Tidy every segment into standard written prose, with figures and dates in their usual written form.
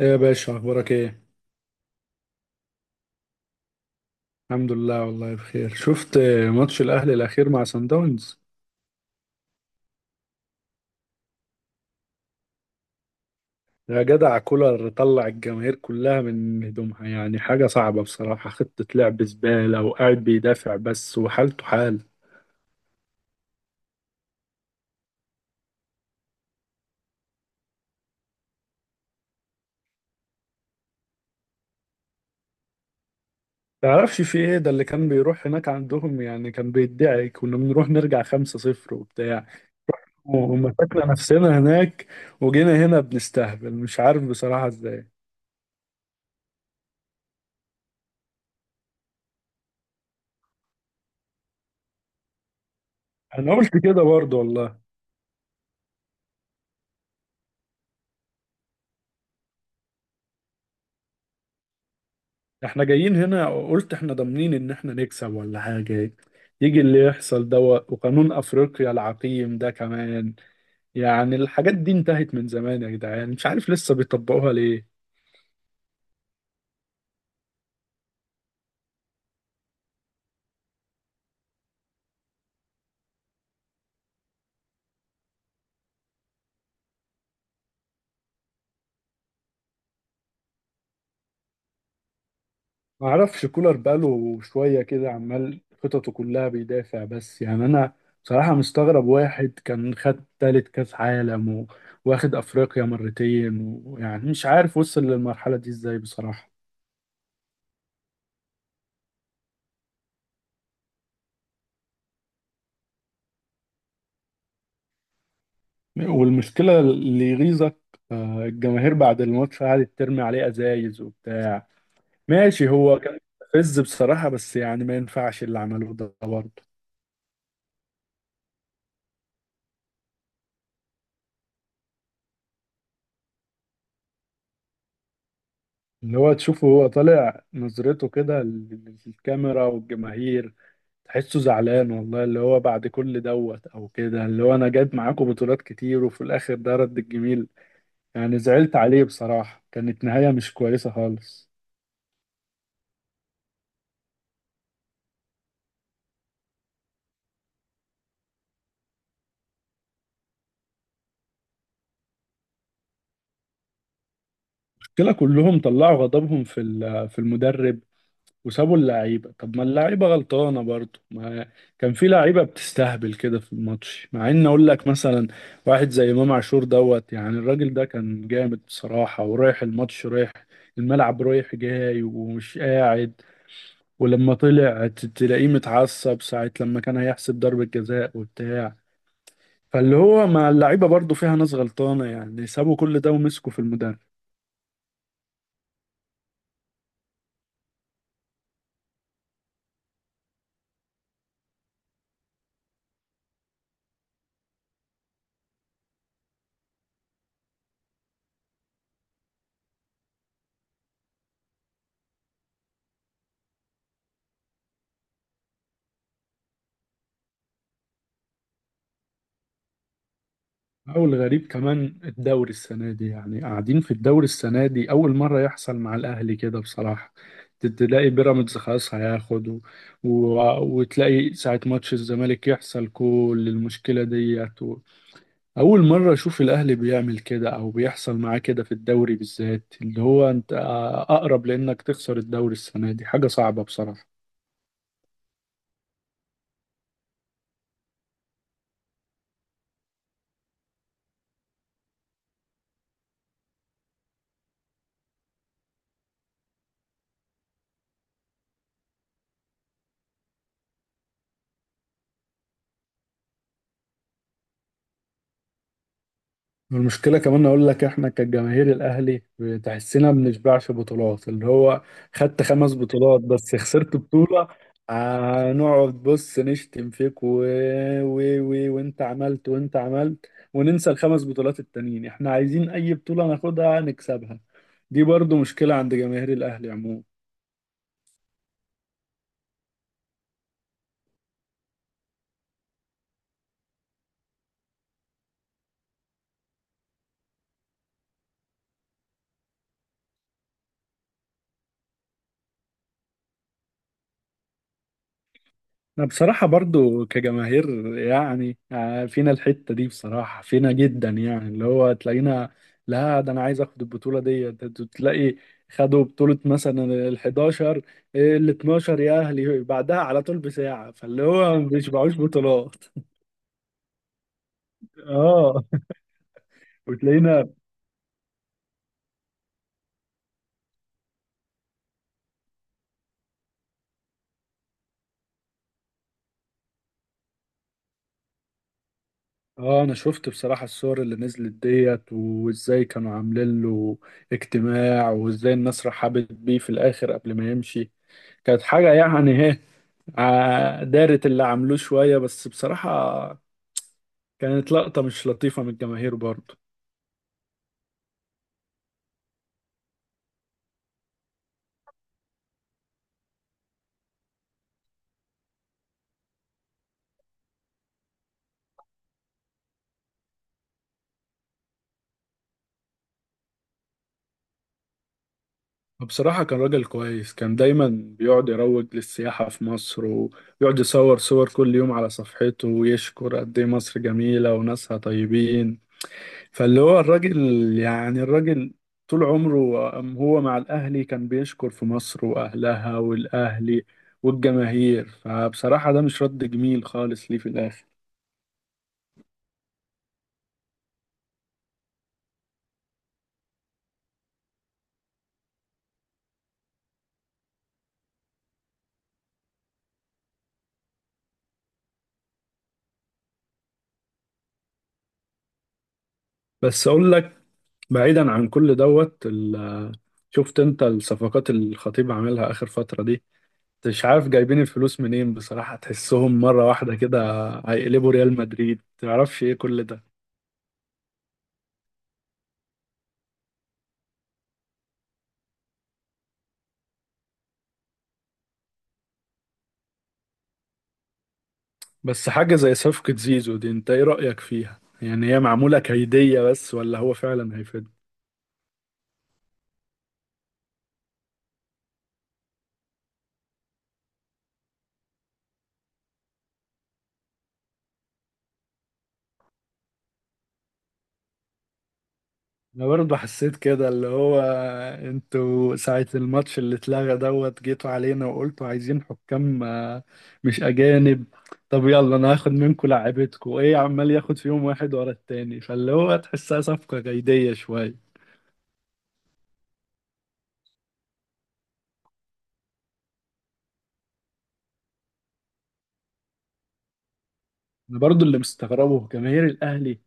ايه يا باشا، اخبارك ايه؟ الحمد لله والله بخير. شفت ماتش الاهلي الاخير مع سان داونز؟ يا جدع، كولر طلع الجماهير كلها من هدومها، يعني حاجه صعبه بصراحه. خطه لعب زباله وقاعد بيدافع بس، وحالته حال. تعرفش في ايه ده؟ اللي كان بيروح هناك عندهم يعني كان بيدعي، كنا بنروح نرجع 5-0 وبتاع. ومسكنا نفسنا هناك، وجينا هنا بنستهبل مش عارف بصراحه ازاي. انا قلت كده برضه والله. احنا جايين هنا قلت احنا ضامنين ان احنا نكسب ولا حاجة، يجي اللي يحصل ده، وقانون افريقيا العقيم ده كمان. يعني الحاجات دي انتهت من زمان يا جدعان، مش عارف لسه بيطبقوها ليه. معرفش كولر بقاله شوية كده عمال خططه كلها بيدافع بس، يعني انا بصراحة مستغرب. واحد كان خد تالت كاس عالم واخد افريقيا مرتين، ويعني مش عارف وصل للمرحلة دي ازاي بصراحة. والمشكلة اللي يغيظك، الجماهير بعد الماتش قعدت ترمي عليه أزايز وبتاع. ماشي هو كان فز بصراحة، بس يعني ما ينفعش اللي عمله ده برضه. اللي هو تشوفه هو طالع نظرته كده للكاميرا والجماهير، تحسه زعلان والله. اللي هو بعد كل دوت أو كده، اللي هو أنا جايب معاكم بطولات كتير وفي الآخر ده رد الجميل. يعني زعلت عليه بصراحة، كانت نهاية مش كويسة خالص. المشكلة كلهم طلعوا غضبهم في المدرب وسابوا اللعيبة. طب ما اللعيبة غلطانة برضو، ما كان في لعيبة بتستهبل كده في الماتش، مع ان اقول لك مثلا واحد زي امام عاشور دوت، يعني الراجل ده كان جامد بصراحة، ورايح الماتش رايح الملعب رايح جاي ومش قاعد. ولما طلع تلاقيه متعصب ساعة لما كان هيحسب ضربة جزاء وبتاع. فاللي هو مع اللعيبة برضو فيها ناس غلطانة، يعني سابوا كل ده ومسكوا في المدرب. أو الغريب كمان الدوري السنة دي، يعني قاعدين في الدوري السنة دي أول مرة يحصل مع الأهلي كده بصراحة. تلاقي بيراميدز خلاص هياخد وتلاقي ساعة ماتش الزمالك يحصل كل المشكلة ديت أول مرة أشوف الأهلي بيعمل كده أو بيحصل معاه كده في الدوري بالذات، اللي هو أنت أقرب لأنك تخسر الدوري السنة دي، حاجة صعبة بصراحة. والمشكلة كمان أقول لك، إحنا كجماهير الأهلي تحسنا ما بنشبعش بطولات. اللي هو خدت خمس بطولات بس خسرت بطولة، هنقعد بص نشتم فيك وأنت عملت وأنت عملت، وننسى الخمس بطولات التانيين. إحنا عايزين أي بطولة ناخدها نكسبها. دي برضو مشكلة عند جماهير الأهلي عموما. أنا بصراحة برضو كجماهير يعني فينا الحتة دي بصراحة، فينا جدا، يعني اللي هو تلاقينا، لا ده أنا عايز أخد البطولة دي. تلاقي خدوا بطولة مثلا ال 11، ال 12 يا أهلي بعدها على طول بساعة. فاللي هو ما بيشبعوش بطولات. اه، وتلاقينا. اه انا شفت بصراحة الصور اللي نزلت ديت، وازاي كانوا عاملين له اجتماع، وازاي الناس رحبت بيه في الاخر قبل ما يمشي. كانت حاجة يعني دارت اللي عملوه شوية، بس بصراحة كانت لقطة مش لطيفة من الجماهير برضه. بصراحة كان راجل كويس، كان دايما بيقعد يروج للسياحة في مصر، ويقعد يصور صور كل يوم على صفحته، ويشكر قد إيه مصر جميلة وناسها طيبين. فاللي هو الراجل، يعني الراجل طول عمره هو مع الأهلي كان بيشكر في مصر وأهلها والأهلي والجماهير. فبصراحة ده مش رد جميل خالص ليه في الآخر. بس أقول لك، بعيدا عن كل دوت شفت انت الصفقات اللي الخطيب عاملها اخر فترة دي؟ مش عارف جايبين الفلوس منين بصراحة، تحسهم مرة واحدة كده هيقلبوا ريال مدريد تعرفش ايه كل ده. بس حاجة زي صفقة زيزو دي، انت ايه رأيك فيها؟ يعني هي معمولة كيدية بس، ولا هو فعلا هيفيد. انا برضه حسيت كده، اللي هو انتوا ساعة الماتش اللي اتلغى دوت جيتوا علينا وقلتوا عايزين حكام، مش اجانب. طب يلا انا هاخد منكم لعيبتكم، ايه عمال ياخد فيهم واحد ورا التاني؟ فاللي هو تحسها صفقة جيدية شوية. انا برضه اللي مستغربه جماهير الاهلي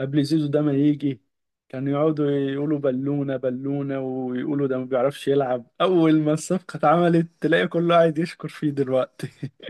قبل زيزو ده ما يجي، كانوا يقعدوا يقولوا بالونة بالونة، ويقولوا ده ما بيعرفش يلعب. اول ما الصفقة اتعملت تلاقي كله قاعد يشكر فيه دلوقتي.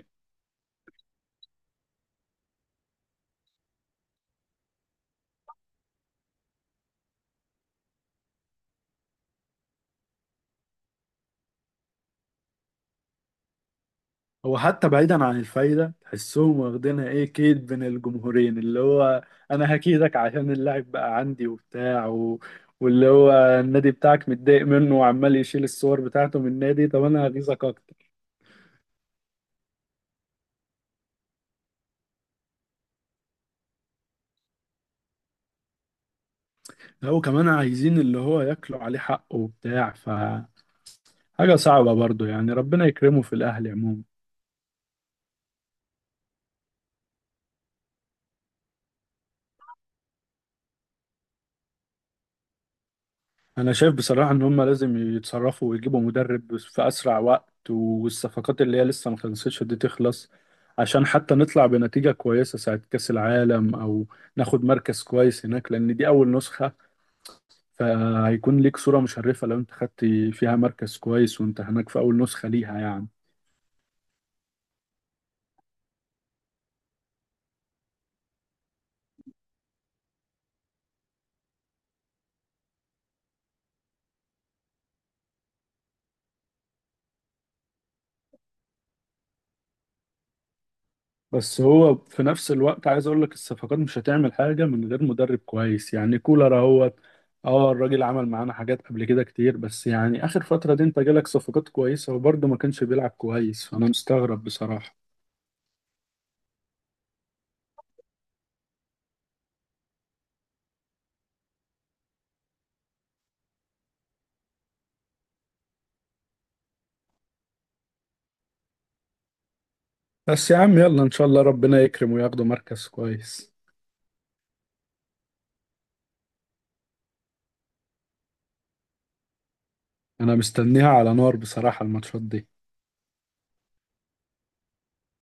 هو حتى بعيدا عن الفايدة تحسهم واخدينها ايه كيد بين الجمهورين، اللي هو انا هكيدك عشان اللاعب بقى عندي وبتاع واللي هو النادي بتاعك متضايق منه وعمال يشيل الصور بتاعته من النادي. طب انا هغيظك اكتر. لا وكمان عايزين اللي هو ياكلوا عليه حقه وبتاع، فحاجة صعبة برضو يعني. ربنا يكرمه في الاهلي عموما. انا شايف بصراحه ان هم لازم يتصرفوا ويجيبوا مدرب في اسرع وقت، والصفقات اللي هي لسه ما خلصتش دي تخلص، عشان حتى نطلع بنتيجه كويسه ساعه كاس العالم، او ناخد مركز كويس هناك، لان دي اول نسخه. فهيكون ليك صوره مشرفه لو انت خدت فيها مركز كويس، وانت هناك في اول نسخه ليها يعني. بس هو في نفس الوقت عايز اقول لك الصفقات مش هتعمل حاجه من غير مدرب كويس، يعني كولر اهوت. اه الراجل عمل معانا حاجات قبل كده كتير، بس يعني اخر فتره دي انت جالك صفقات كويسه وبرضه ما كانش بيلعب كويس، فانا مستغرب بصراحه. بس يا عم يلا ان شاء الله ربنا يكرم وياخدوا مركز كويس. انا مستنيها على نار بصراحه الماتشات دي.